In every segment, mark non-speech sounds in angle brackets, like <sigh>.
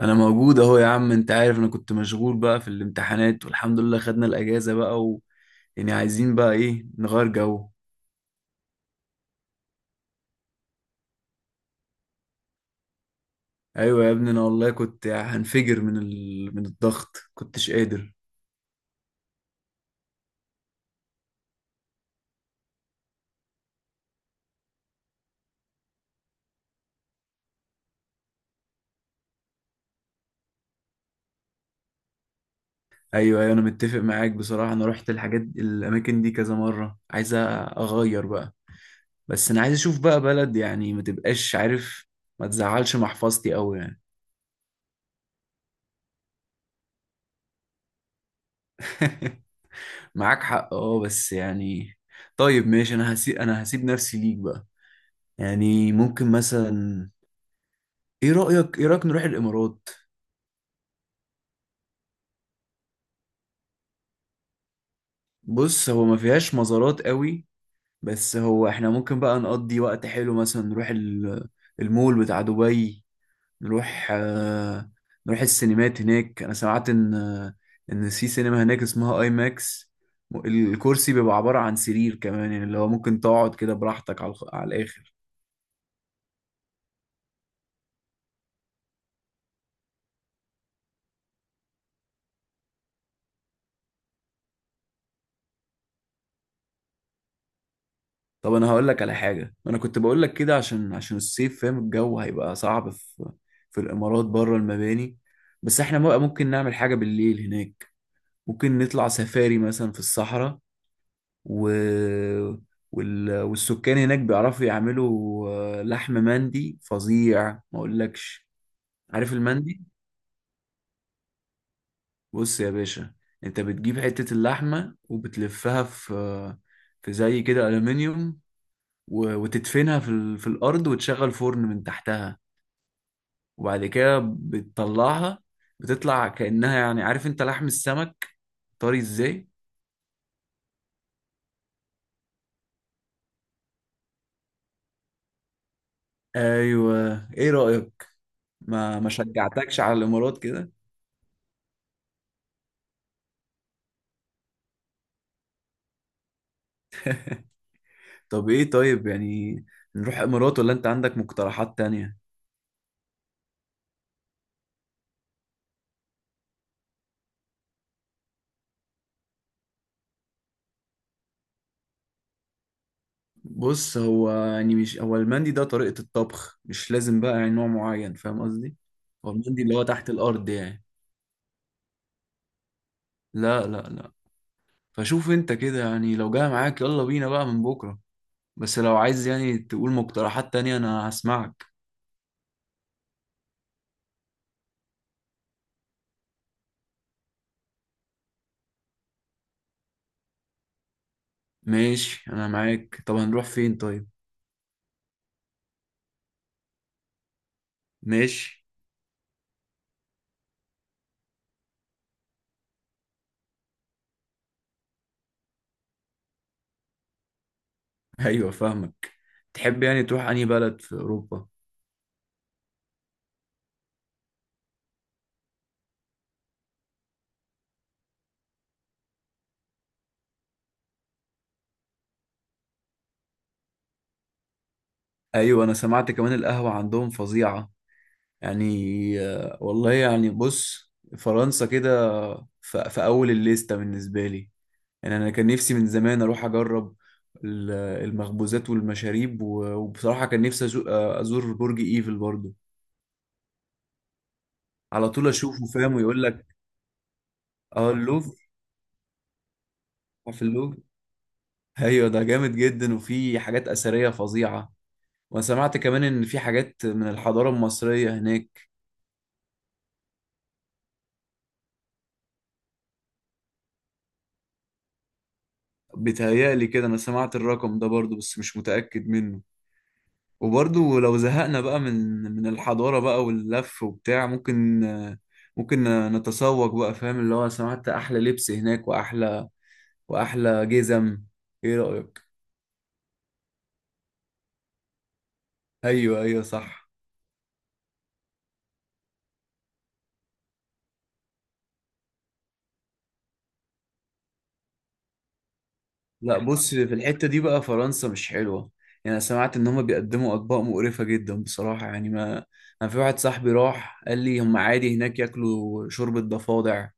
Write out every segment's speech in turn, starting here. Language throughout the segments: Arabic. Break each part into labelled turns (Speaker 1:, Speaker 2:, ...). Speaker 1: انا موجود اهو يا عم. انت عارف انا كنت مشغول بقى في الامتحانات والحمد لله خدنا الاجازة بقى يعني عايزين بقى ايه نغير جو. ايوه يا ابني، انا والله كنت هنفجر من الضغط كنتش قادر. ايوه، ايوه، انا متفق معاك بصراحة. انا رحت الحاجات الاماكن دي كذا مرة، عايز اغير بقى. بس انا عايز اشوف بقى بلد، يعني ما تبقاش عارف، ما تزعلش محفظتي قوي يعني. <laughs> معاك حق، اه، بس يعني طيب ماشي. انا هسيب نفسي ليك بقى. يعني ممكن مثلا، ايه رأيك نروح الامارات؟ بص، هو ما فيهاش مزارات قوي، بس هو احنا ممكن بقى نقضي وقت حلو. مثلا نروح المول بتاع دبي. نروح نروح السينمات هناك. انا سمعت ان في سينما هناك اسمها اي ماكس. الكرسي بيبقى عبارة عن سرير كمان، يعني اللي هو ممكن تقعد كده براحتك على الاخر. طب انا هقول لك على حاجه، انا كنت بقول لك كده عشان الصيف فاهم، الجو هيبقى صعب في في الامارات بره المباني. بس احنا بقى ممكن نعمل حاجه بالليل هناك. ممكن نطلع سفاري مثلا في الصحراء و... والسكان هناك بيعرفوا يعملوا لحم مندي فظيع، ما اقولكش. عارف المندي؟ بص يا باشا، انت بتجيب حته اللحمه وبتلفها في في زي كده الومنيوم، وتدفنها في الارض وتشغل فرن من تحتها، وبعد كده بتطلعها. بتطلع كأنها، يعني عارف انت لحم السمك طري ازاي. ايوه، ايه رأيك؟ ما شجعتكش على الامارات كده؟ طب ايه طيب، يعني نروح امارات ولا انت عندك مقترحات تانية؟ بص، هو يعني مش هو المندي ده طريقة الطبخ، مش لازم بقى يعني نوع معين، فاهم قصدي. هو المندي اللي هو تحت الارض يعني. لا. فشوف انت كده يعني، لو جاي معاك يلا بينا بقى من بكرة. بس لو عايز يعني تقول مقترحات تانية انا هسمعك. ماشي انا معاك، طب هنروح فين طيب؟ ماشي. <laughs> ايوه، فاهمك. تحب يعني تروح انهي بلد في اوروبا؟ ايوه، انا سمعت كمان القهوة عندهم فظيعة يعني. والله يعني بص، فرنسا كده في اول الليستة بالنسبة لي. يعني انا كان نفسي من زمان اروح اجرب ال- المخبوزات والمشاريب وبصراحة كان نفسي ازور برج ايفل برضو. على طول اشوفه، فاهم، ويقول لك. اه، اللوفر. في اللوفر، ايوه، ده جامد جدا وفي حاجات اثريه فظيعه. وانا سمعت كمان ان في حاجات من الحضاره المصريه هناك. بيتهيألي كده، انا سمعت الرقم ده برضو بس مش متاكد منه. وبرضو لو زهقنا بقى من الحضاره بقى واللف وبتاع، ممكن ممكن نتسوق بقى، فاهم، اللي هو سمعت احلى لبس هناك واحلى جزم. ايه رايك؟ ايوه، ايوه، صح. لا بص، في الحتة دي بقى فرنسا مش حلوة. يعني أنا سمعت إن هما بيقدموا أطباق مقرفة جدا بصراحة. يعني ما أنا في واحد صاحبي راح قال لي هما عادي هناك ياكلوا شوربة ضفادع.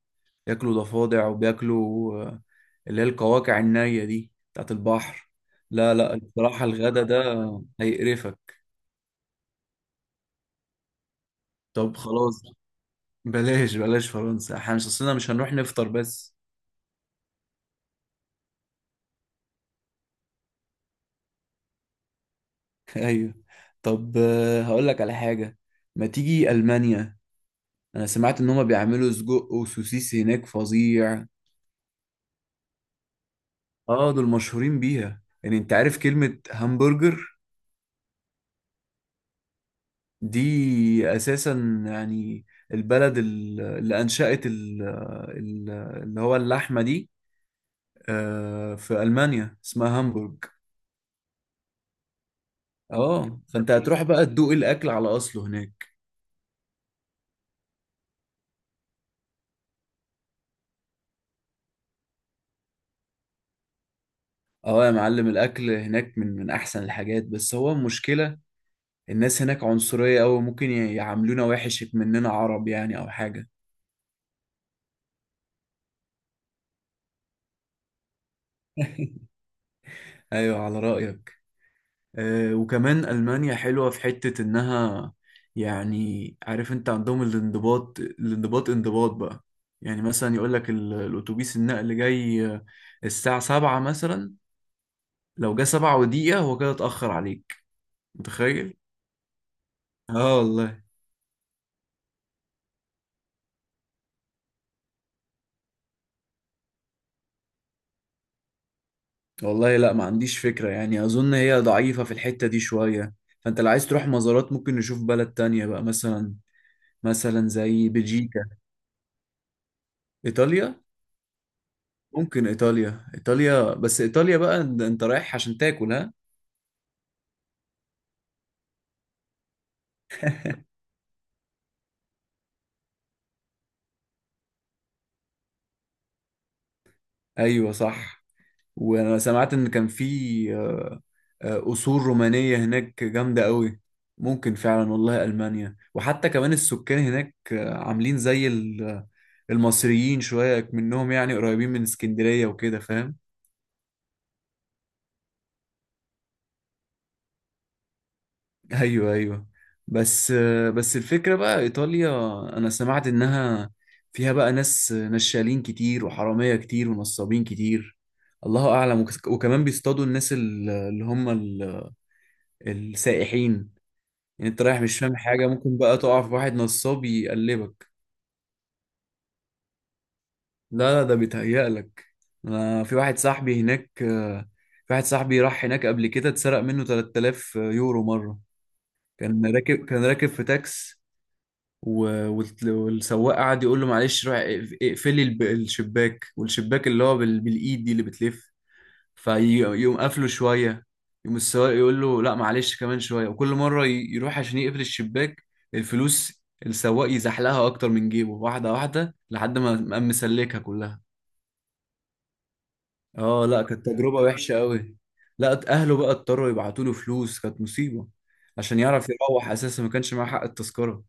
Speaker 1: ياكلوا ضفادع وبياكلوا اللي هي القواقع النية دي بتاعت البحر. لا لا، بصراحة الغدا ده هيقرفك. طب خلاص، بلاش فرنسا. احنا مش أصلنا مش هنروح نفطر بس. <laughs> أيوه. طب هقول لك على حاجة، ما تيجي ألمانيا. انا سمعت ان هما بيعملوا سجق وسوسيس هناك فظيع. اه دول مشهورين بيها، يعني انت عارف كلمة همبرجر دي اساسا يعني البلد اللي انشأت ال- اللي هو اللحمة دي في المانيا اسمها هامبورج. اه، فانت هتروح بقى تدوق الاكل على اصله هناك. اه يا معلم، الاكل هناك من احسن الحاجات. بس هو المشكلة الناس هناك عنصرية أوي، ممكن يعاملونا وحش مننا عرب يعني او حاجة. <laughs> ايوه، على رأيك. آه، وكمان ألمانيا حلوة في حتة انها يعني، عارف انت عندهم الانضباط، انضباط بقى. يعني مثلا يقول لك الاتوبيس النقل جاي الساعة سبعة مثلا، لو جه سبعة ودقيقة هو كده اتأخر عليك. متخيل؟ اه والله. والله لا، ما عنديش فكرة. يعني أظن هي ضعيفة في الحتة دي شوية. فأنت لو عايز تروح مزارات ممكن نشوف بلد تانية بقى، مثلا زي بلجيكا. إيطاليا؟ ممكن ايطاليا. ايطاليا بس ايطاليا بقى أنت رايح عشان تاكل، ها. ايوه صح. وانا سمعت ان كان في قصور رومانية هناك جامدة قوي. ممكن فعلا. والله المانيا، وحتى كمان السكان هناك عاملين زي المصريين شوية. منهم يعني قريبين من اسكندرية وكده، فاهم. ايوه، ايوه. بس الفكره بقى ايطاليا، انا سمعت انها فيها بقى ناس نشالين كتير وحراميه كتير ونصابين كتير، الله اعلم. وكمان بيصطادوا الناس اللي هم السائحين. يعني انت رايح مش فاهم حاجه، ممكن بقى تقع في واحد نصاب يقلبك. لا لا، ده بيتهيألك. أنا في واحد صاحبي هناك، في واحد صاحبي راح هناك قبل كده، اتسرق منه 3000 يورو مره. كان راكب في تاكس، والسواق قعد يقول له معلش روح اقفلي الشباك، والشباك اللي هو بالايد دي اللي بتلف. فيقوم قافله شويه، يقوم السواق يقول له لا معلش كمان شويه. وكل مره يروح عشان يقفل الشباك، الفلوس السواق يزحلقها اكتر من جيبه واحده واحده، لحد ما قام مسلكها كلها. اه، لا كانت تجربه وحشه قوي. لا، اهله بقى اضطروا يبعتوا له فلوس، كانت مصيبه عشان يعرف يروح اساسا، ما كانش معاه حق التذكره.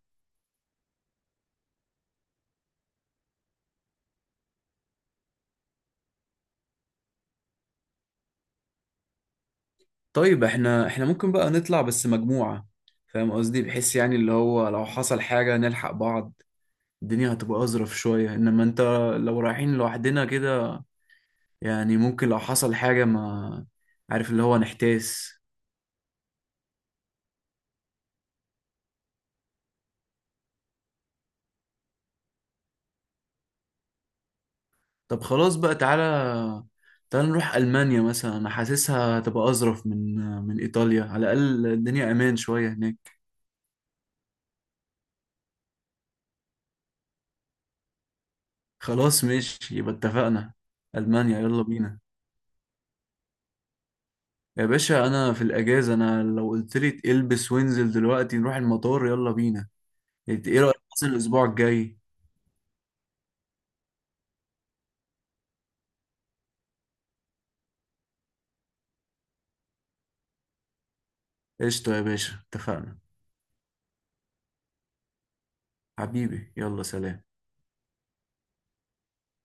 Speaker 1: طيب، احنا ممكن بقى نطلع بس مجموعة، فاهم قصدي، بحيث يعني اللي هو لو حصل حاجة نلحق بعض. الدنيا هتبقى أظرف شوية. إنما أنت لو رايحين لوحدنا كده، يعني ممكن لو حصل حاجة ما، عارف اللي هو، نحتاس. طب خلاص بقى، تعالى نروح ألمانيا مثلا. أنا حاسسها هتبقى أظرف من إيطاليا، على الأقل الدنيا أمان شوية هناك. خلاص ماشي، يبقى اتفقنا، ألمانيا، يلا بينا. يا باشا انا في الاجازه، انا لو قلت لي البس وانزل دلوقتي نروح المطار يلا بينا. إنت ايه رايك مثلا الاسبوع الجاي؟ قشطه يا باشا، اتفقنا. حبيبي، يلا سلام.